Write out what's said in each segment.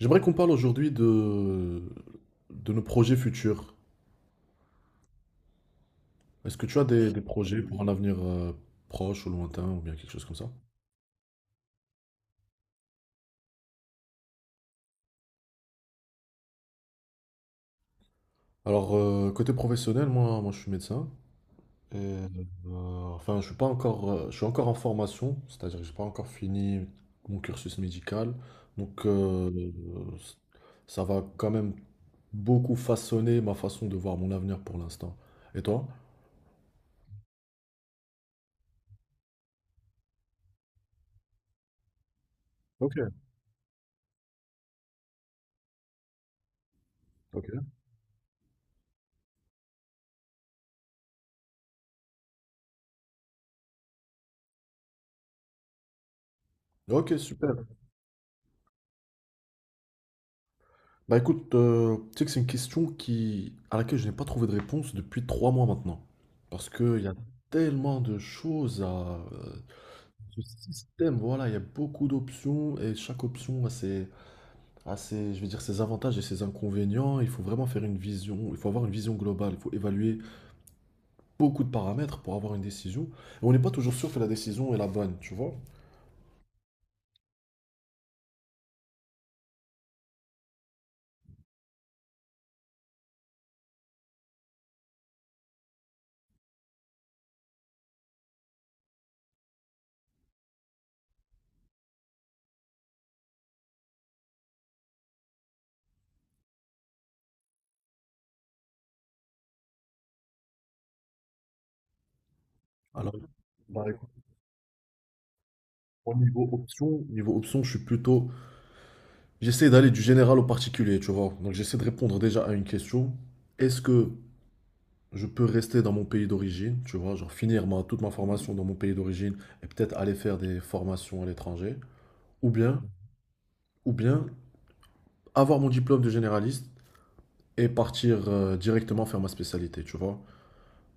J'aimerais qu'on parle aujourd'hui de nos projets futurs. Est-ce que tu as des projets pour un avenir proche ou lointain ou bien quelque chose comme ça? Alors, côté professionnel, moi je suis médecin. Et, euh, enfin, je suis pas encore, je suis encore en formation, c'est-à-dire que j'ai pas encore fini mon cursus médical. Donc, ça va quand même beaucoup façonner ma façon de voir mon avenir pour l'instant. Et toi? Ok, ok. Ok, super. Bah écoute, tu sais que c'est une question qui, à laquelle je n'ai pas trouvé de réponse depuis 3 mois maintenant. Parce qu'il y a tellement de choses à... ce système, voilà, il y a beaucoup d'options et chaque option a ses, je vais dire, ses avantages et ses inconvénients. Il faut vraiment faire une vision, il faut avoir une vision globale, il faut évaluer beaucoup de paramètres pour avoir une décision. Et on n'est pas toujours sûr que la décision est la bonne, tu vois? Alors, bah, écoute, au niveau option, je suis plutôt... J'essaie d'aller du général au particulier, tu vois. Donc j'essaie de répondre déjà à une question. Est-ce que je peux rester dans mon pays d'origine, tu vois, genre finir toute ma formation dans mon pays d'origine et peut-être aller faire des formations à l'étranger, ou bien, ou bien avoir mon diplôme de généraliste et partir directement faire ma spécialité, tu vois.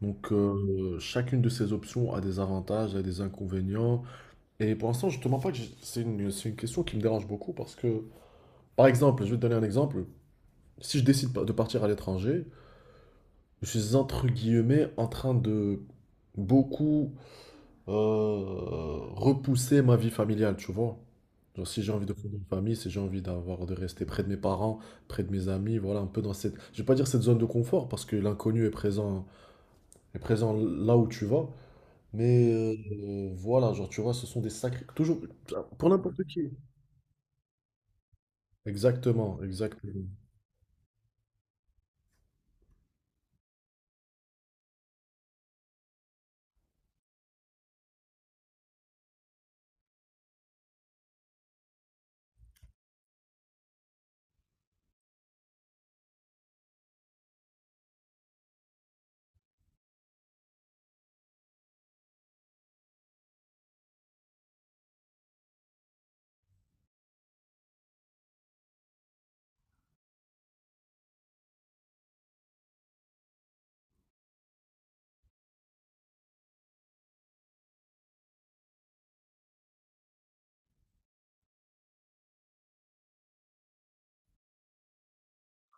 Donc chacune de ces options a des avantages, a des inconvénients. Et pour l'instant, je te mens pas que c'est c'est une question qui me dérange beaucoup parce que, par exemple, je vais te donner un exemple. Si je décide pas- de partir à l'étranger, je suis entre guillemets en train de beaucoup euh, repousser ma vie familiale, tu vois. Genre, si j'ai envie de fonder une famille, si j'ai envie d'avoir de rester près de mes parents, près de mes amis, voilà, un peu dans cette, je vais pas dire cette zone de confort parce que l'inconnu est présent là où tu vas, mais voilà, genre tu vois, ce sont des sacrés, toujours pour n'importe qui. Exactement, exactement.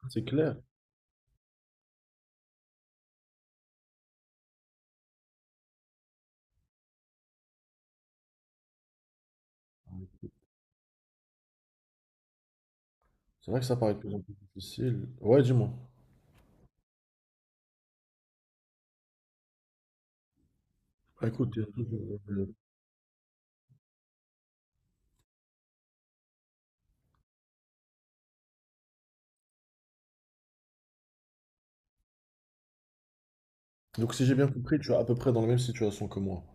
C'est clair. C'est vrai que ça paraît de plus en plus difficile. Ouais, dis-moi. Bah, écoute, il y a toujours... Donc si j'ai bien compris, tu es à peu près dans la même situation que moi.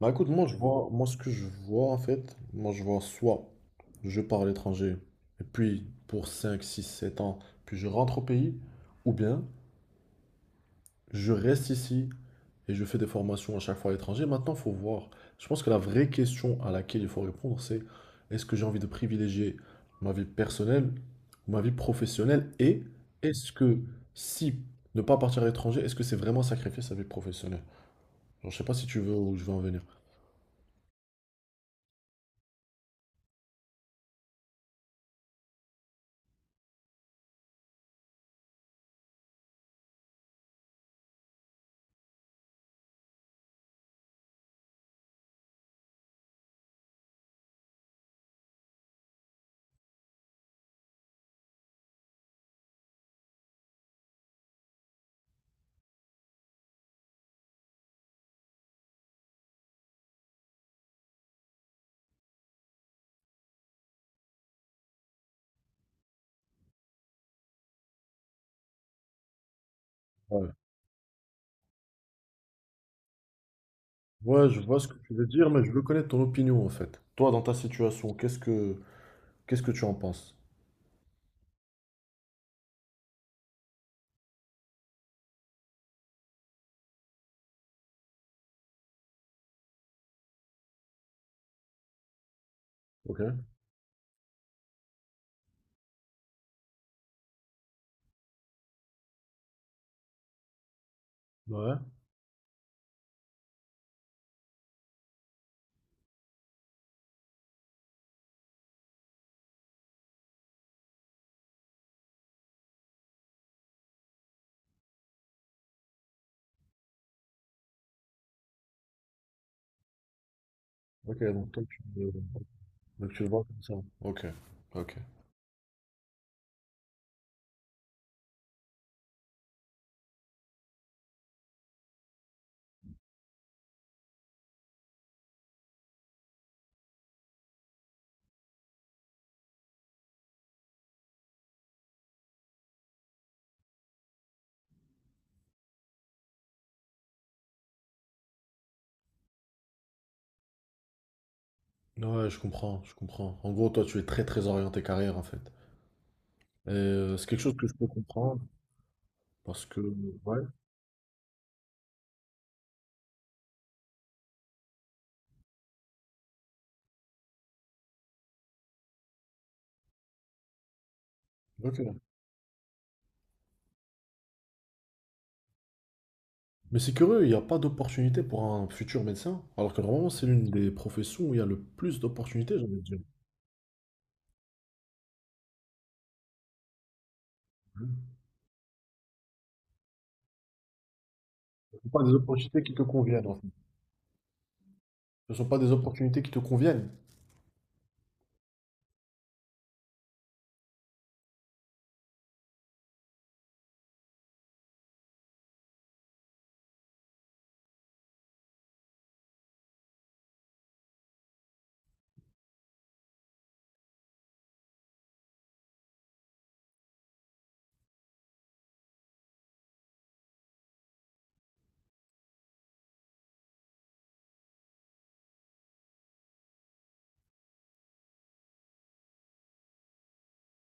Bah écoute, moi ce que je vois en fait, moi je vois soit je pars à l'étranger, et puis pour 5, 6, 7 ans, puis je rentre au pays, ou bien je reste ici et je fais des formations à chaque fois à l'étranger. Maintenant, faut voir. Je pense que la vraie question à laquelle il faut répondre, c'est est-ce que j'ai envie de privilégier ma vie personnelle ou ma vie professionnelle, et est-ce que si ne pas partir à l'étranger, est-ce que c'est vraiment sacrifier sa vie professionnelle? Bon, je sais pas si tu veux où je veux en venir. Ouais. Ouais, je vois ce que tu veux dire, mais je veux connaître ton opinion en fait. Toi, dans ta situation, qu'est-ce que tu en penses? Ok. Ouais. Ok, donc tu le vois comme ça. Ok. Ok. Ouais, je comprends, je comprends. En gros, toi, tu es très très orienté carrière en fait. Et c'est quelque chose que je peux comprendre parce que... Ouais. Ok. Mais c'est curieux, il n'y a pas d'opportunité pour un futur médecin, alors que normalement, c'est l'une des professions où il y a le plus d'opportunités, j'ai envie de dire. Pas des opportunités qui te conviennent... Ce ne sont pas des opportunités qui te conviennent.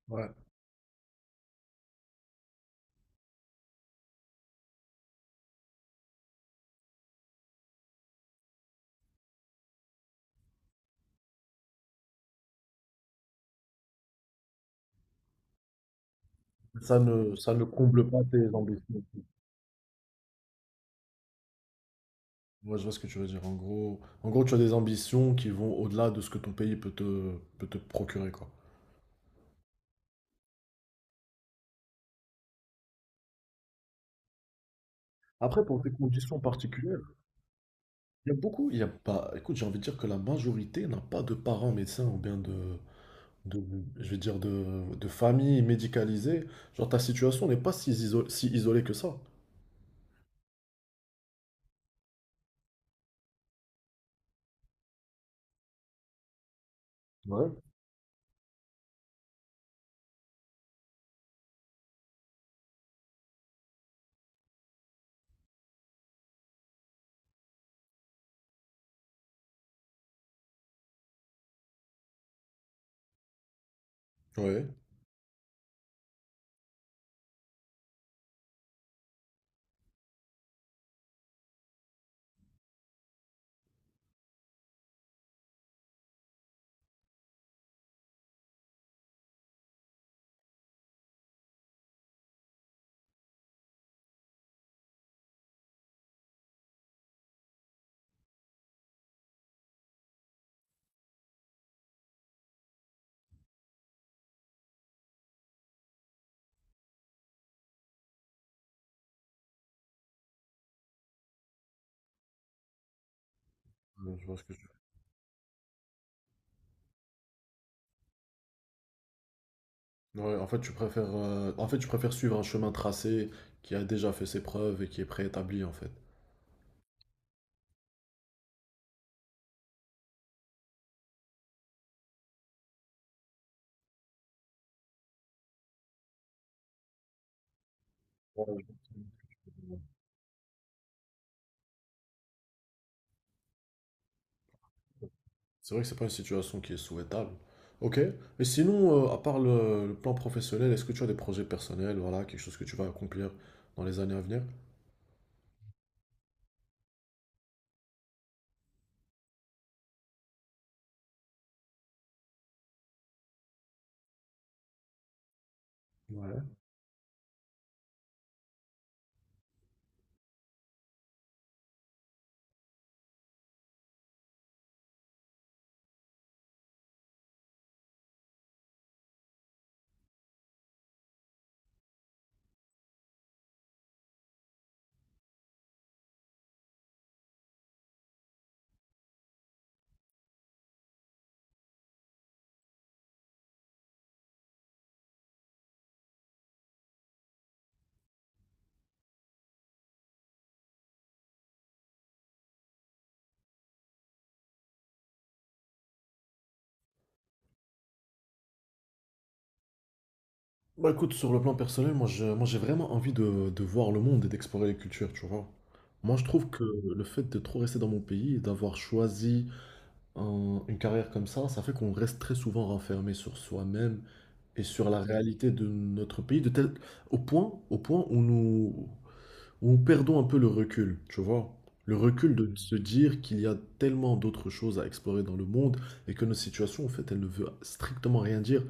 Ouais. Ça ne comble pas tes ambitions. Moi, je vois ce que tu veux dire. En gros, tu as des ambitions qui vont au-delà de ce que ton pays peut te procurer, quoi. Après, pour tes conditions particulières, il y a pas, écoute, j'ai envie de dire que la majorité n'a pas de parents médecins ou bien de- je vais dire de famille médicalisée, genre ta situation n'est pas si isolée que ça. Ouais. Ouais. Je vois ce que tu... Ouais, en fait, tu préfères suivre un chemin tracé qui a déjà fait ses preuves et qui est préétabli, en fait. C'est vrai que c'est pas une situation qui est souhaitable. Ok. Et sinon, à part le plan professionnel, est-ce que tu as des projets personnels, voilà, quelque chose que tu vas accomplir dans les années à venir? Ouais. Bah écoute, sur le plan personnel, moi, j'ai vraiment envie de voir le monde et d'explorer les cultures, tu vois. Moi je trouve que le fait de trop rester dans mon pays et d'avoir choisi une carrière comme ça fait qu'on reste très souvent renfermé sur soi-même et sur la réalité de notre pays, de tel, au point où où nous perdons un peu le recul, tu vois. Le recul de se dire qu'il y a tellement d'autres choses à explorer dans le monde et que nos situations, en fait, elles ne veulent strictement rien dire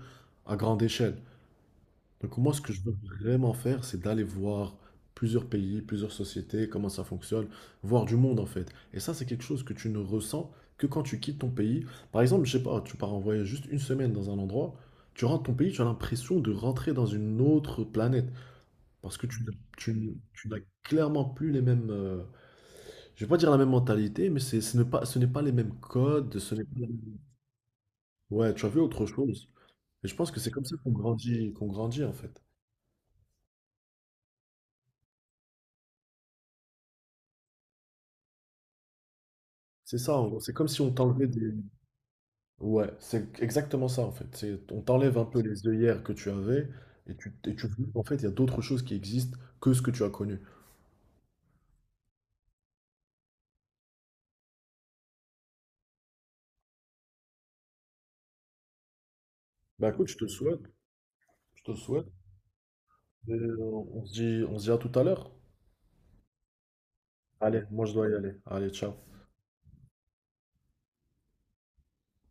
à grande échelle. Donc moi, ce que je veux vraiment faire, c'est d'aller voir plusieurs pays, plusieurs sociétés, comment ça fonctionne, voir du monde en fait. Et ça, c'est quelque chose que tu ne ressens que quand tu quittes ton pays. Par exemple, je sais pas, tu pars en voyage juste une semaine dans un endroit, tu rentres ton pays, tu as l'impression de rentrer dans une autre planète. Parce que tu n'as clairement plus les mêmes... je vais pas dire la même mentalité, mais ce n'est pas les mêmes codes, ce n'est pas... Ouais, tu as vu autre chose. Et je pense que c'est comme ça qu'on grandit en fait. C'est ça, en gros. C'est comme si on t'enlevait des... Ouais, c'est exactement ça en fait. C'est, on t'enlève un peu les œillères que tu avais et et tu vois qu'en fait il y a d'autres choses qui existent que ce que tu as connu. Bah écoute, je te le souhaite, je te le souhaite. Et, on se dit à tout à l'heure. Allez, moi je dois y aller. Allez, ciao.